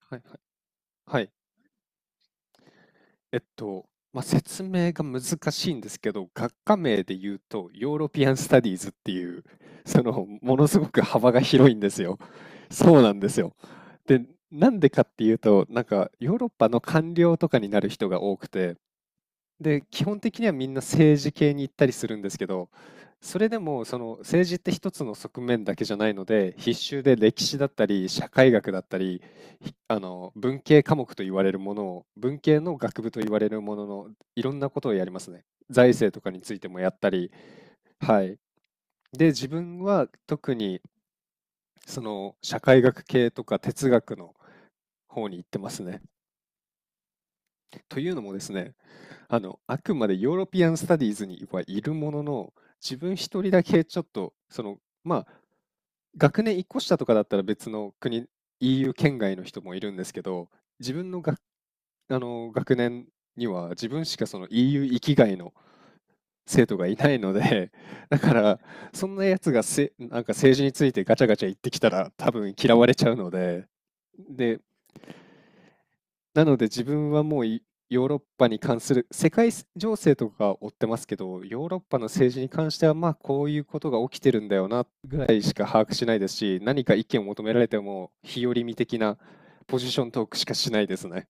はいはい。はい。えっと、説明が難しいんですけど、学科名で言うと、ヨーロピアン・スタディーズっていう、ものすごく幅が広いんですよ。そうなんですよ。で、なんでかっていうと、ヨーロッパの官僚とかになる人が多くて、で、基本的にはみんな政治系に行ったりするんですけど、それでもその政治って一つの側面だけじゃないので、必修で歴史だったり、社会学だったり、あの文系科目と言われるものを、文系の学部と言われるものの、いろんなことをやりますね。財政とかについてもやったり。はい。で、自分は特にその社会学系とか哲学の方に行ってますね。というのもですね、あの、あくまでヨーロピアンスタディーズにはいるものの、自分一人だけちょっと、学年一個下とかだったら別の国、EU 圏外の人もいるんですけど、自分のが、あの、学年には自分しかその EU 域外の生徒がいないので、だから、そんなやつがせ、なんか政治についてガチャガチャ言ってきたら多分嫌われちゃうので、で、なので自分はもうヨーロッパに関する世界情勢とか追ってますけど、ヨーロッパの政治に関してはまあこういうことが起きてるんだよなぐらいしか把握しないですし、何か意見を求められても日和見的なポジショントークしかしないですね。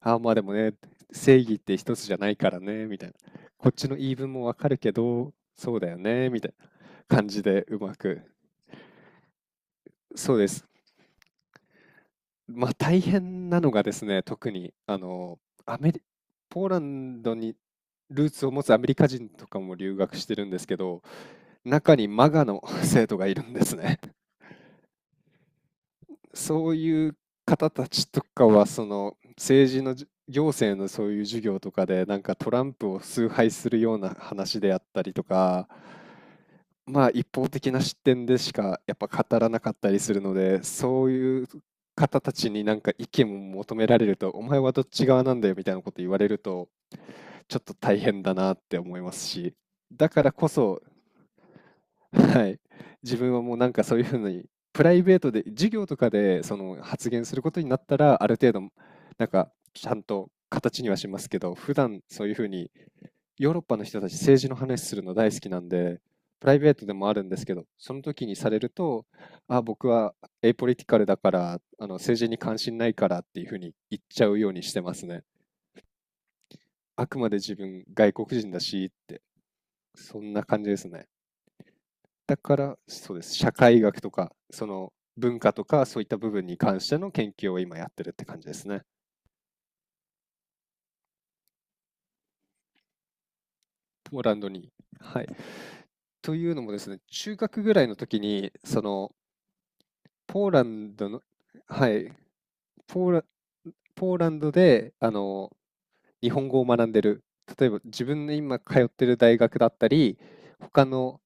ああまあでもね、正義って一つじゃないからね、みたいな。こっちの言い分もわかるけど、そうだよね、みたいな感じでうまく。そうです。まあ大変なのがですね、特にあのアメリ、ポーランドにルーツを持つアメリカ人とかも留学してるんですけど、中にマガの 生徒がいるんですね。そういう方たちとかは、その政治のじ行政のそういう授業とかで、なんかトランプを崇拝するような話であったりとか、まあ、一方的な視点でしかやっぱ語らなかったりするので、そういう方たちになんか意見を求められると、お前はどっち側なんだよみたいなこと言われると、ちょっと大変だなって思いますし、だからこそ、はい、自分はもうなんかそういうふうに、プライベートで、授業とかでその発言することになったら、ある程度、なんかちゃんと形にはしますけど、普段そういうふうにヨーロッパの人たち政治の話するの大好きなんで、プライベートでもあるんですけど、その時にされると、あ、僕はエイポリティカルだから、あの政治に関心ないからっていうふうに言っちゃうようにしてますね。あくまで自分外国人だしって、そんな感じですね。だから、そうです。社会学とか、その文化とかそういった部分に関しての研究を今やってるって感じですね。ポーランドに。はい。というのもですね、中学ぐらいの時に、その、ポーランドの、はい、ポーラ、ポーランドで、あの、日本語を学んでる。例えば自分の今通ってる大学だったり、他の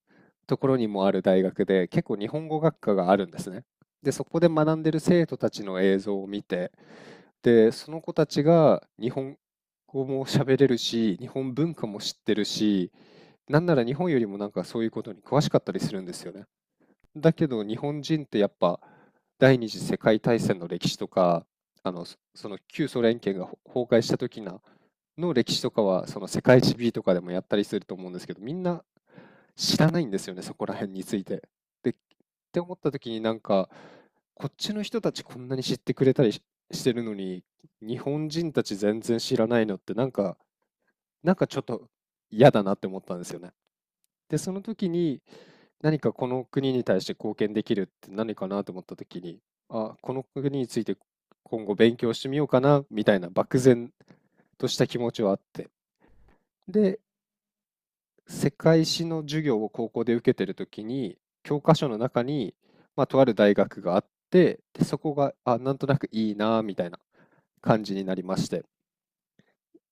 ところにもある大学で結構日本語学科があるんですね。で、そこで学んでる生徒たちの映像を見て、で、その子たちが日本語も喋れるし、日本文化も知ってるし、なんなら日本よりもなんかそういうことに詳しかったりするんですよね。だけど日本人ってやっぱ第二次世界大戦の歴史とかあのその旧ソ連圏が崩壊した時なの歴史とかはその世界史 B とかでもやったりすると思うんですけど、みんな知らないんですよね、そこら辺について。って思った時に、なんかこっちの人たちこんなに知ってくれたりしてるのに日本人たち全然知らないのって、なんかちょっと嫌だなって思ったんですよね。で、その時に何かこの国に対して貢献できるって何かなと思った時に、あ、この国について今後勉強してみようかなみたいな漠然とした気持ちはあって。で、世界史の授業を高校で受けてる時に、教科書の中に、まあ、とある大学があって、で、そこが、あ、なんとなくいいなみたいな感じになりまして。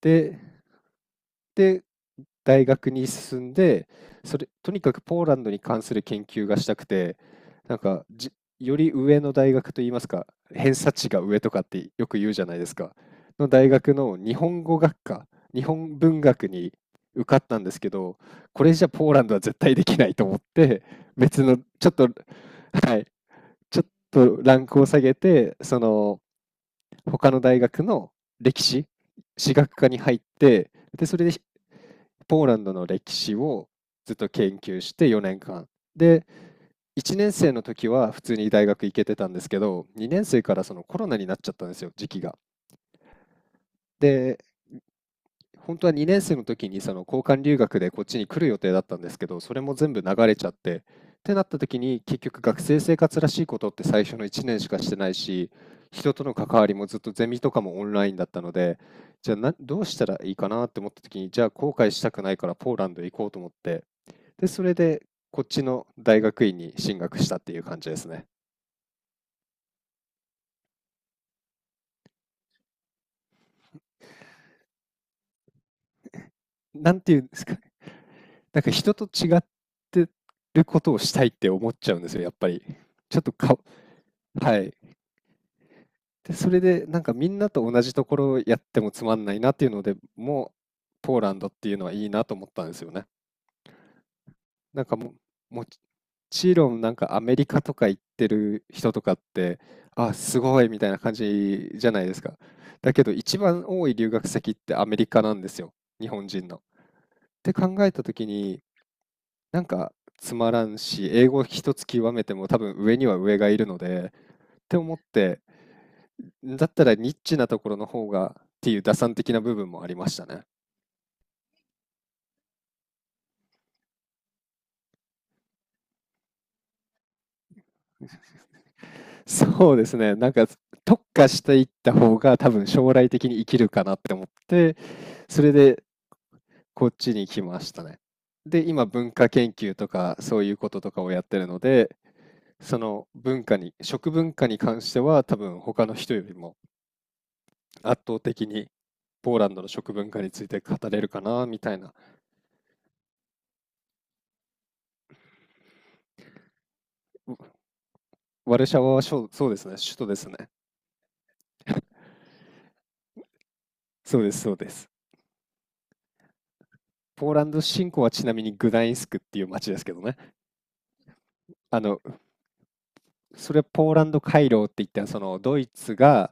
で、で、大学に進んで、それ、とにかくポーランドに関する研究がしたくて、なんかじ、より上の大学といいますか、偏差値が上とかってよく言うじゃないですか、の大学の日本語学科、日本文学に受かったんですけど、これじゃポーランドは絶対できないと思って、別の、ちょっと、はい、ちょっとランクを下げて、その、他の大学の歴史、史学科に入って、で、それでポーランドの歴史をずっと研究して4年間。で、1年生の時は普通に大学行けてたんですけど、2年生からそのコロナになっちゃったんですよ、時期が。で、本当は2年生の時にその交換留学でこっちに来る予定だったんですけど、それも全部流れちゃって、ってなった時に結局学生生活らしいことって最初の1年しかしてないし、人との関わりもずっとゼミとかもオンラインだったので、じゃあどうしたらいいかなって思った時に、じゃあ後悔したくないからポーランド行こうと思って、で、それで、こっちの大学院に進学したっていう感じですね。なんていうんですか、なんか人と違ってることをしたいって思っちゃうんですよ、やっぱり。ちょっとか、はい。で、それで、なんかみんなと同じところをやってもつまんないなっていうので、もう、ポーランドっていうのはいいなと思ったんですよね。なんかも、もちろんなんかアメリカとか行ってる人とかって、あ、すごいみたいな感じじゃないですか。だけど一番多い留学先ってアメリカなんですよ。日本人の。って考えた時に、なんかつまらんし、英語一つ極めても多分上には上がいるので、って思って、だったらニッチなところの方がっていう打算的な部分もありましたね。そうですね。なんか特化していった方が多分将来的に生きるかなって思って、それでこっちに来ましたね。で、今文化研究とかそういうこととかをやってるので、その文化に、食文化に関しては多分他の人よりも圧倒的にポーランドの食文化について語れるかなみたいな。うワルシャワはそうそうですね、首都ですね。そうです、そうです。ポーランド侵攻はちなみにグダインスクっていう街ですけどね。あの、それはポーランド回廊って言った、そのドイツが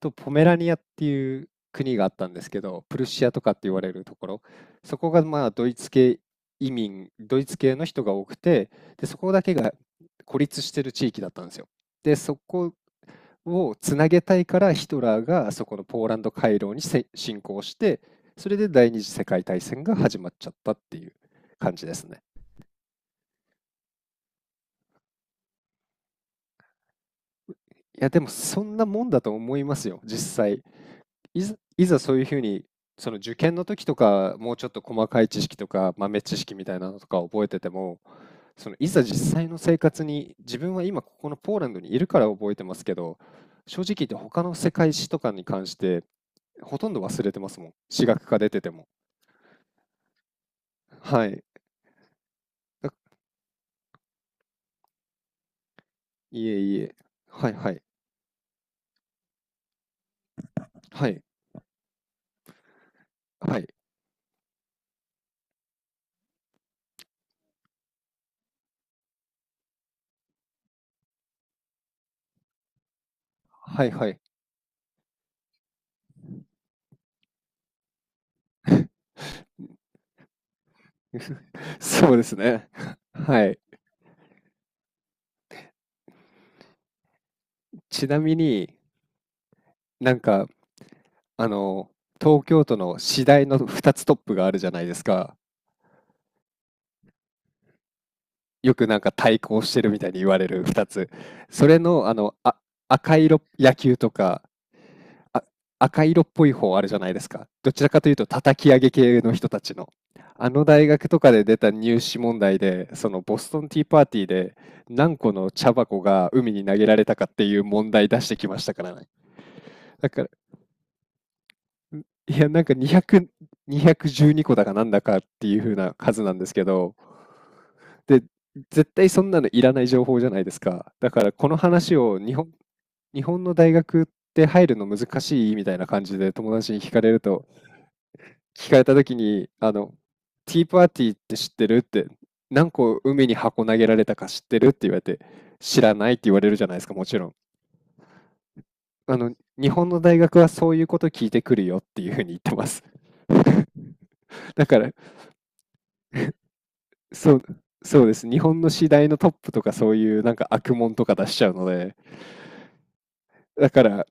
とポメラニアっていう国があったんですけど、プルシアとかって言われるところ、そこがまあドイツ系移民、ドイツ系の人が多くて、でそこだけが孤立してる地域だったんですよ。でそこをつなげたいからヒトラーがそこのポーランド回廊に侵攻して、それで第二次世界大戦が始まっちゃったっていう感じですね。いやでもそんなもんだと思いますよ、実際。いざ、そういうふうに、その受験の時とか、もうちょっと細かい知識とか、豆知識みたいなのとか覚えてても、そのいざ実際の生活に、自分は今ここのポーランドにいるから覚えてますけど、正直言って他の世界史とかに関して、ほとんど忘れてますもん。史学科出てても。はい。だいえいえ。はいはい。はい。はい。はいはい。そうですね。はい。ちなみに、なんかあの、東京都の私大の2つトップがあるじゃないですか。よくなんか対抗してるみたいに言われる2つ。それの、赤色野球とか、あ、赤色っぽい方あるじゃないですか。どちらかというと叩き上げ系の人たちの。あの大学とかで出た入試問題で、そのボストンティーパーティーで何個の茶箱が海に投げられたかっていう問題出してきましたからね。だから、んいや、なんか200、212個だかなんだかっていう風な数なんですけど、で、絶対そんなのいらない情報じゃないですか。だからこの話を日本の大学って入るの難しいみたいな感じで友達に聞かれると、聞かれた時に、あの、ティーパーティーって知ってるって、何個海に箱投げられたか知ってるって言われて、知らないって言われるじゃないですか、もちろん。あの、日本の大学はそういうこと聞いてくるよっていうふうに言ってます。だから、そう、そうです。日本の次第のトップとかそういうなんか悪もんとか出しちゃうので、だから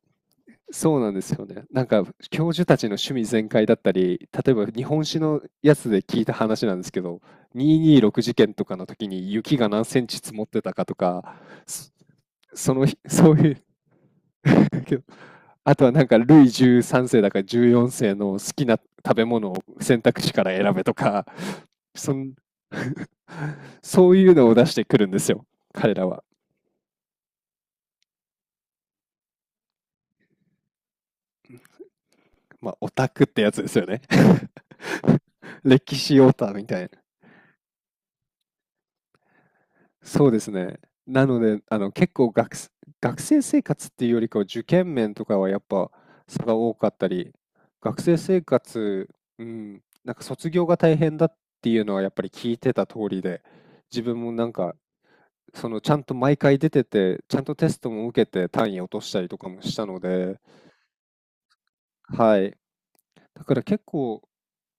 そうなんですよね。なんか教授たちの趣味全開だったり、例えば日本史のやつで聞いた話なんですけど、226事件とかの時に雪が何センチ積もってたかとか、そ、その日、そういう あとはなんか、ルイ13世だから14世の好きな食べ物を選択肢から選べとか、そん そういうのを出してくるんですよ、彼らは。まあ、オタクってやつですよね。歴史オタみたいな。そうですね。なので、あの、結構学生生活っていうよりかは受験面とかはやっぱ差が多かったり、学生生活、うん、なんか卒業が大変だっていうのはやっぱり聞いてた通りで、自分もなんか、そのちゃんと毎回出てて、ちゃんとテストも受けて単位落としたりとかもしたので、はい。だから結構、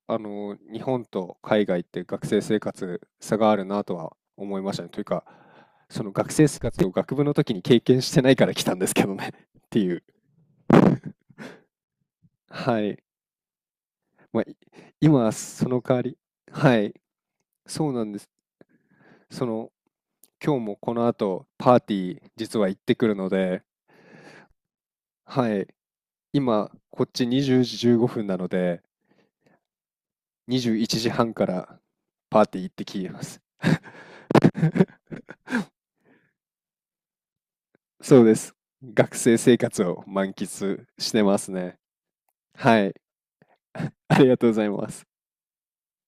あの、日本と海外って学生生活差があるなとは思いましたね。というか、その学生生活を学部の時に経験してないから来たんですけどね っていう。はい。まあ、い今、その代わり、はい。そうなんです。その、今日もこの後、パーティー、実は行ってくるので、はい。今、こっち20時15分なので、21時半からパーティー行ってきます。そうです。学生生活を満喫してますね。はい。ありがとうございます。